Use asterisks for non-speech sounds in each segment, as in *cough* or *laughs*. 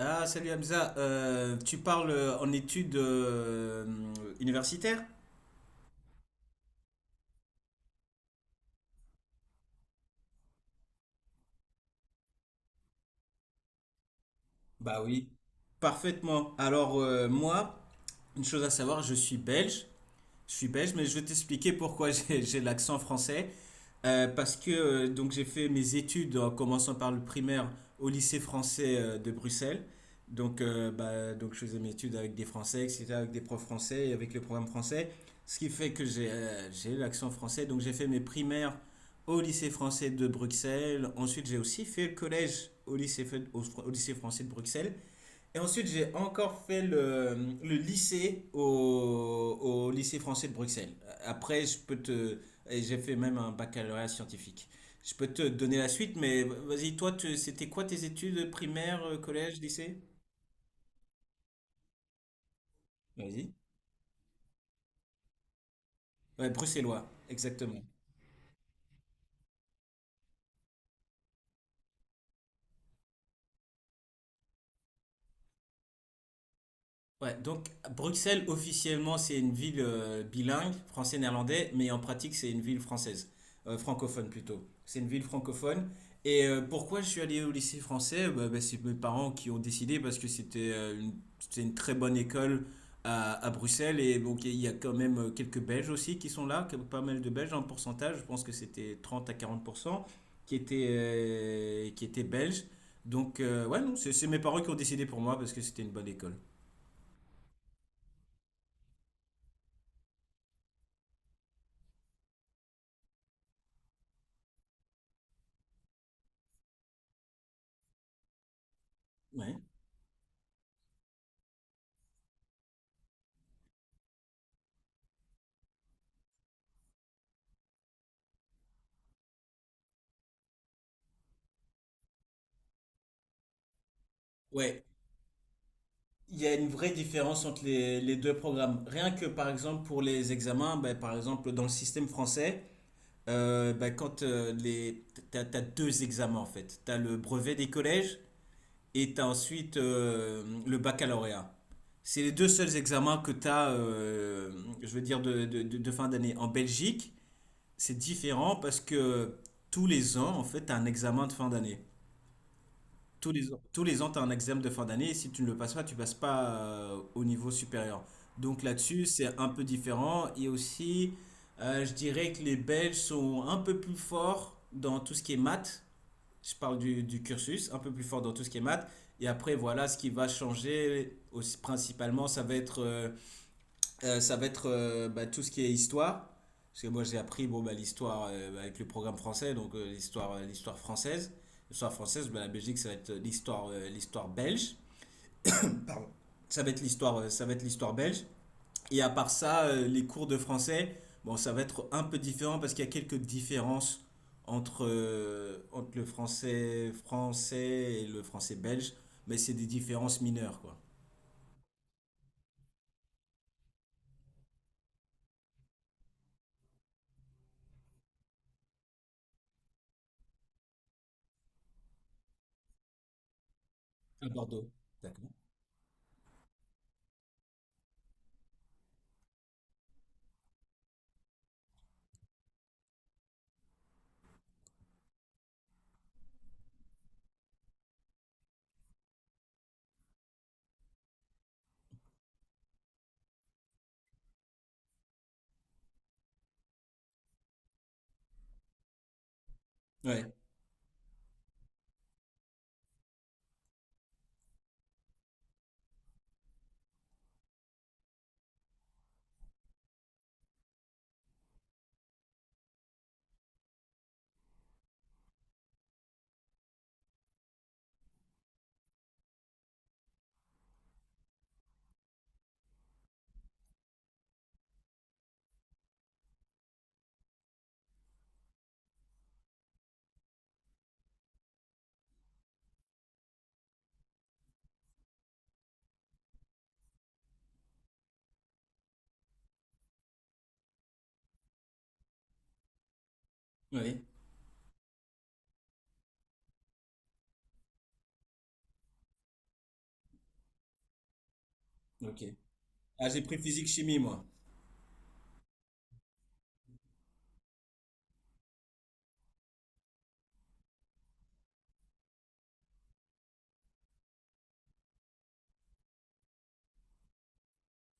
Ah, salut Hamza. Tu parles en études universitaires? Bah oui. Parfaitement. Alors, moi, une chose à savoir, je suis belge. Je suis belge, mais je vais t'expliquer pourquoi *laughs* j'ai l'accent français. Parce que donc j'ai fait mes études en commençant par le primaire au lycée français de Bruxelles. Donc, donc je faisais mes études avec des Français, etc., avec des profs français et avec le programme français. Ce qui fait que j'ai l'accent français. Donc j'ai fait mes primaires au lycée français de Bruxelles. Ensuite j'ai aussi fait le collège au au, au lycée français de Bruxelles. Et ensuite, j'ai encore fait le lycée au lycée français de Bruxelles. Après, je peux te. Et j'ai fait même un baccalauréat scientifique. Je peux te donner la suite, mais vas-y, toi, c'était quoi tes études primaires, collège, lycée? Vas-y. Ouais, bruxellois, exactement. Ouais, donc Bruxelles, officiellement, c'est une ville bilingue, français-néerlandais, mais en pratique, c'est une ville française, francophone plutôt. C'est une ville francophone. Et pourquoi je suis allé au lycée français? Bah, c'est mes parents qui ont décidé parce que c'était c'était une très bonne école à Bruxelles. Et donc, il y a quand même quelques Belges aussi qui sont là, pas mal de Belges en pourcentage, je pense que c'était 30 à 40% qui étaient Belges. Donc, ouais, non, c'est mes parents qui ont décidé pour moi parce que c'était une bonne école. Ouais. Ouais, il y a une vraie différence entre les deux programmes. Rien que par exemple pour les examens, ben, par exemple dans le système français, ben, t'as, t'as 2 examens en fait. T'as le brevet des collèges et t'as ensuite le baccalauréat. C'est les deux seuls examens que t'as, je veux dire, de fin d'année. En Belgique, c'est différent parce que tous les ans, en fait, t'as un examen de fin d'année. Tous les ans, tu as un examen de fin d'année et si tu ne le passes pas, tu passes pas au niveau supérieur. Donc là-dessus, c'est un peu différent. Et aussi, je dirais que les Belges sont un peu plus forts dans tout ce qui est maths. Je parle du cursus, un peu plus fort dans tout ce qui est maths. Et après, voilà, ce qui va changer aussi, principalement, ça va être tout ce qui est histoire. Parce que moi, j'ai appris bon, bah, l'histoire avec le programme français, donc l'histoire française. L'histoire française, bah, la Belgique, ça va être l'histoire belge. Ça va être l'histoire ça va être l'histoire belge. Et à part ça, les cours de français, bon, ça va être un peu différent parce qu'il y a quelques différences entre le français français et le français belge, mais c'est des différences mineures, quoi. À Bordeaux. D'accord. Ouais, ouais, ok. Ah, j'ai pris physique-chimie, moi.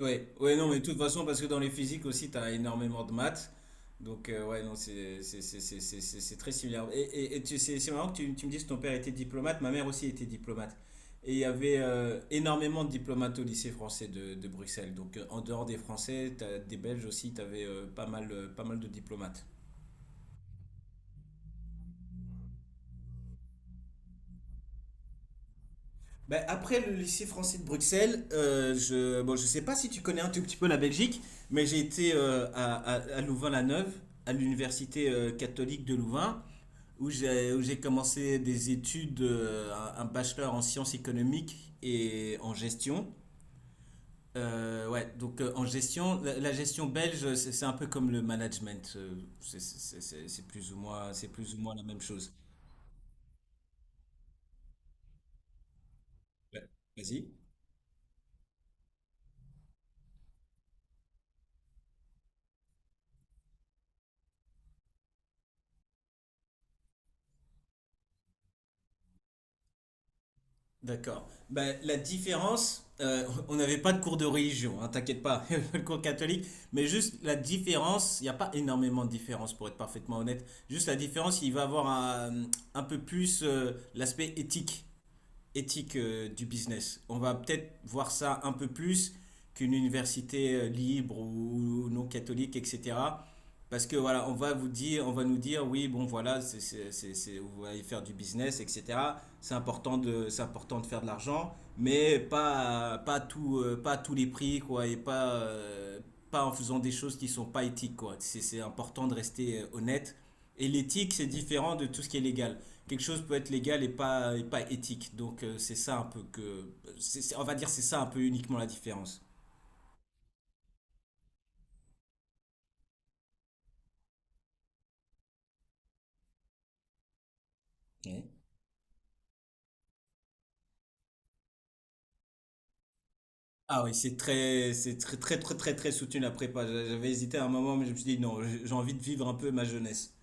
Ouais, ouais, non, mais de toute façon, parce que dans les physiques aussi, tu as énormément de maths. Donc, ouais, non, c'est très similaire. C'est marrant que tu me dises que ton père était diplomate, ma mère aussi était diplomate. Et il y avait énormément de diplomates au lycée français de Bruxelles. Donc, en dehors des Français, t'as des Belges aussi, tu avais pas mal de diplomates. Ben, après le lycée français de Bruxelles, bon, je sais pas si tu connais un tout petit peu la Belgique, mais j'ai été à Louvain-la-Neuve, à l'université catholique de Louvain, où j'ai commencé des études, un bachelor en sciences économiques et en gestion. Ouais, donc en gestion, la gestion belge, c'est un peu comme le management, c'est plus ou moins, c'est plus ou moins la même chose. Ouais, vas-y. D'accord. Ben, la différence, on n'avait pas de cours de religion, hein, t'inquiète pas, *laughs* il y avait pas le cours catholique, mais juste la différence, il n'y a pas énormément de différence pour être parfaitement honnête. Juste la différence, il va avoir un peu plus l'aspect éthique. Éthique du business. On va peut-être voir ça un peu plus qu'une université libre ou non catholique, etc. Parce que voilà, on va vous dire, on va nous dire, oui, bon voilà, vous allez faire du business, etc. C'est c'est important de faire de l'argent, mais pas tout, pas à tous les prix, quoi, et pas, pas en faisant des choses qui sont pas éthiques, quoi. C'est important de rester honnête. Et l'éthique, c'est différent de tout ce qui est légal, quelque chose peut être légal et pas éthique. Donc c'est ça un peu que, on va dire c'est ça un peu uniquement la différence. Ouais. Ah oui, c'est très soutenu la prépa. J'avais hésité à un moment, mais je me suis dit non, j'ai envie de vivre un peu ma jeunesse.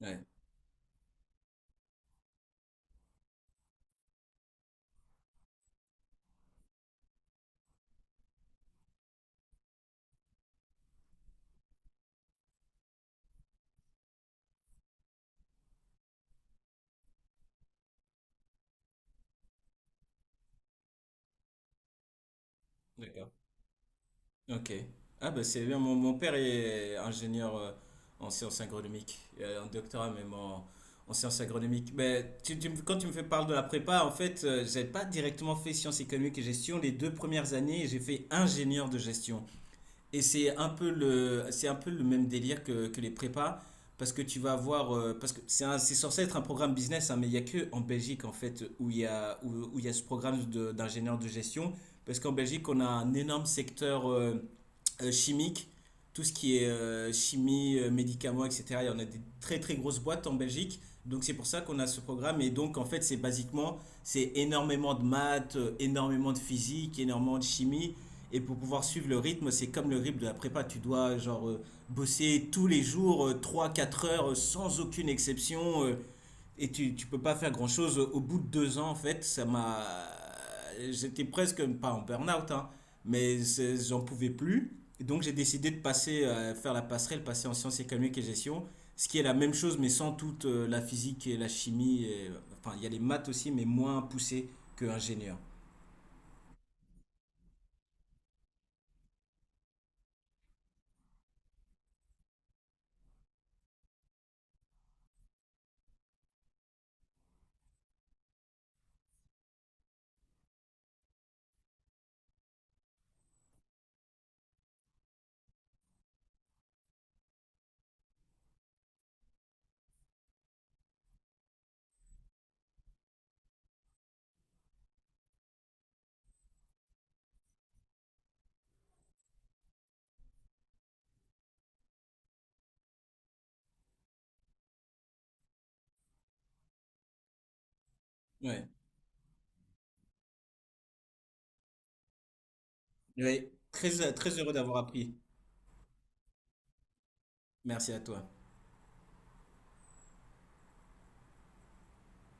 Ouais, d'accord. Ok. Ah bah c'est bien, mon père est ingénieur en sciences agronomiques, en doctorat même en sciences agronomiques. Mais tu quand tu me fais parler de la prépa, en fait, j'ai pas directement fait sciences économiques et gestion les 2 premières années, et j'ai fait ingénieur de gestion. Et c'est un peu c'est un peu le même délire que les prépas, parce que tu vas avoir, parce que c'est censé être un programme business, hein, mais il n'y a que en Belgique en fait où il y a, où il y a ce programme d'ingénieur de gestion, parce qu'en Belgique on a un énorme secteur chimique, tout ce qui est chimie, médicaments, etc. Il y en a des très très grosses boîtes en Belgique. Donc c'est pour ça qu'on a ce programme. Et donc en fait c'est basiquement, c'est énormément de maths, énormément de physique, énormément de chimie. Et pour pouvoir suivre le rythme, c'est comme le rythme de la prépa. Tu dois genre bosser tous les jours 3 4 heures sans aucune exception. Et tu peux pas faire grand-chose. Au bout de 2 ans, en fait, ça m'a. J'étais presque, pas en burn-out, hein, j'en pouvais plus. Et donc j'ai décidé de passer, faire la passerelle, passer en sciences économiques et gestion, ce qui est la même chose, mais sans toute la physique et la chimie. Enfin, il y a les maths aussi, mais moins poussées que ingénieur. Ouais. Ouais. Très, très heureux d'avoir appris. Merci à toi.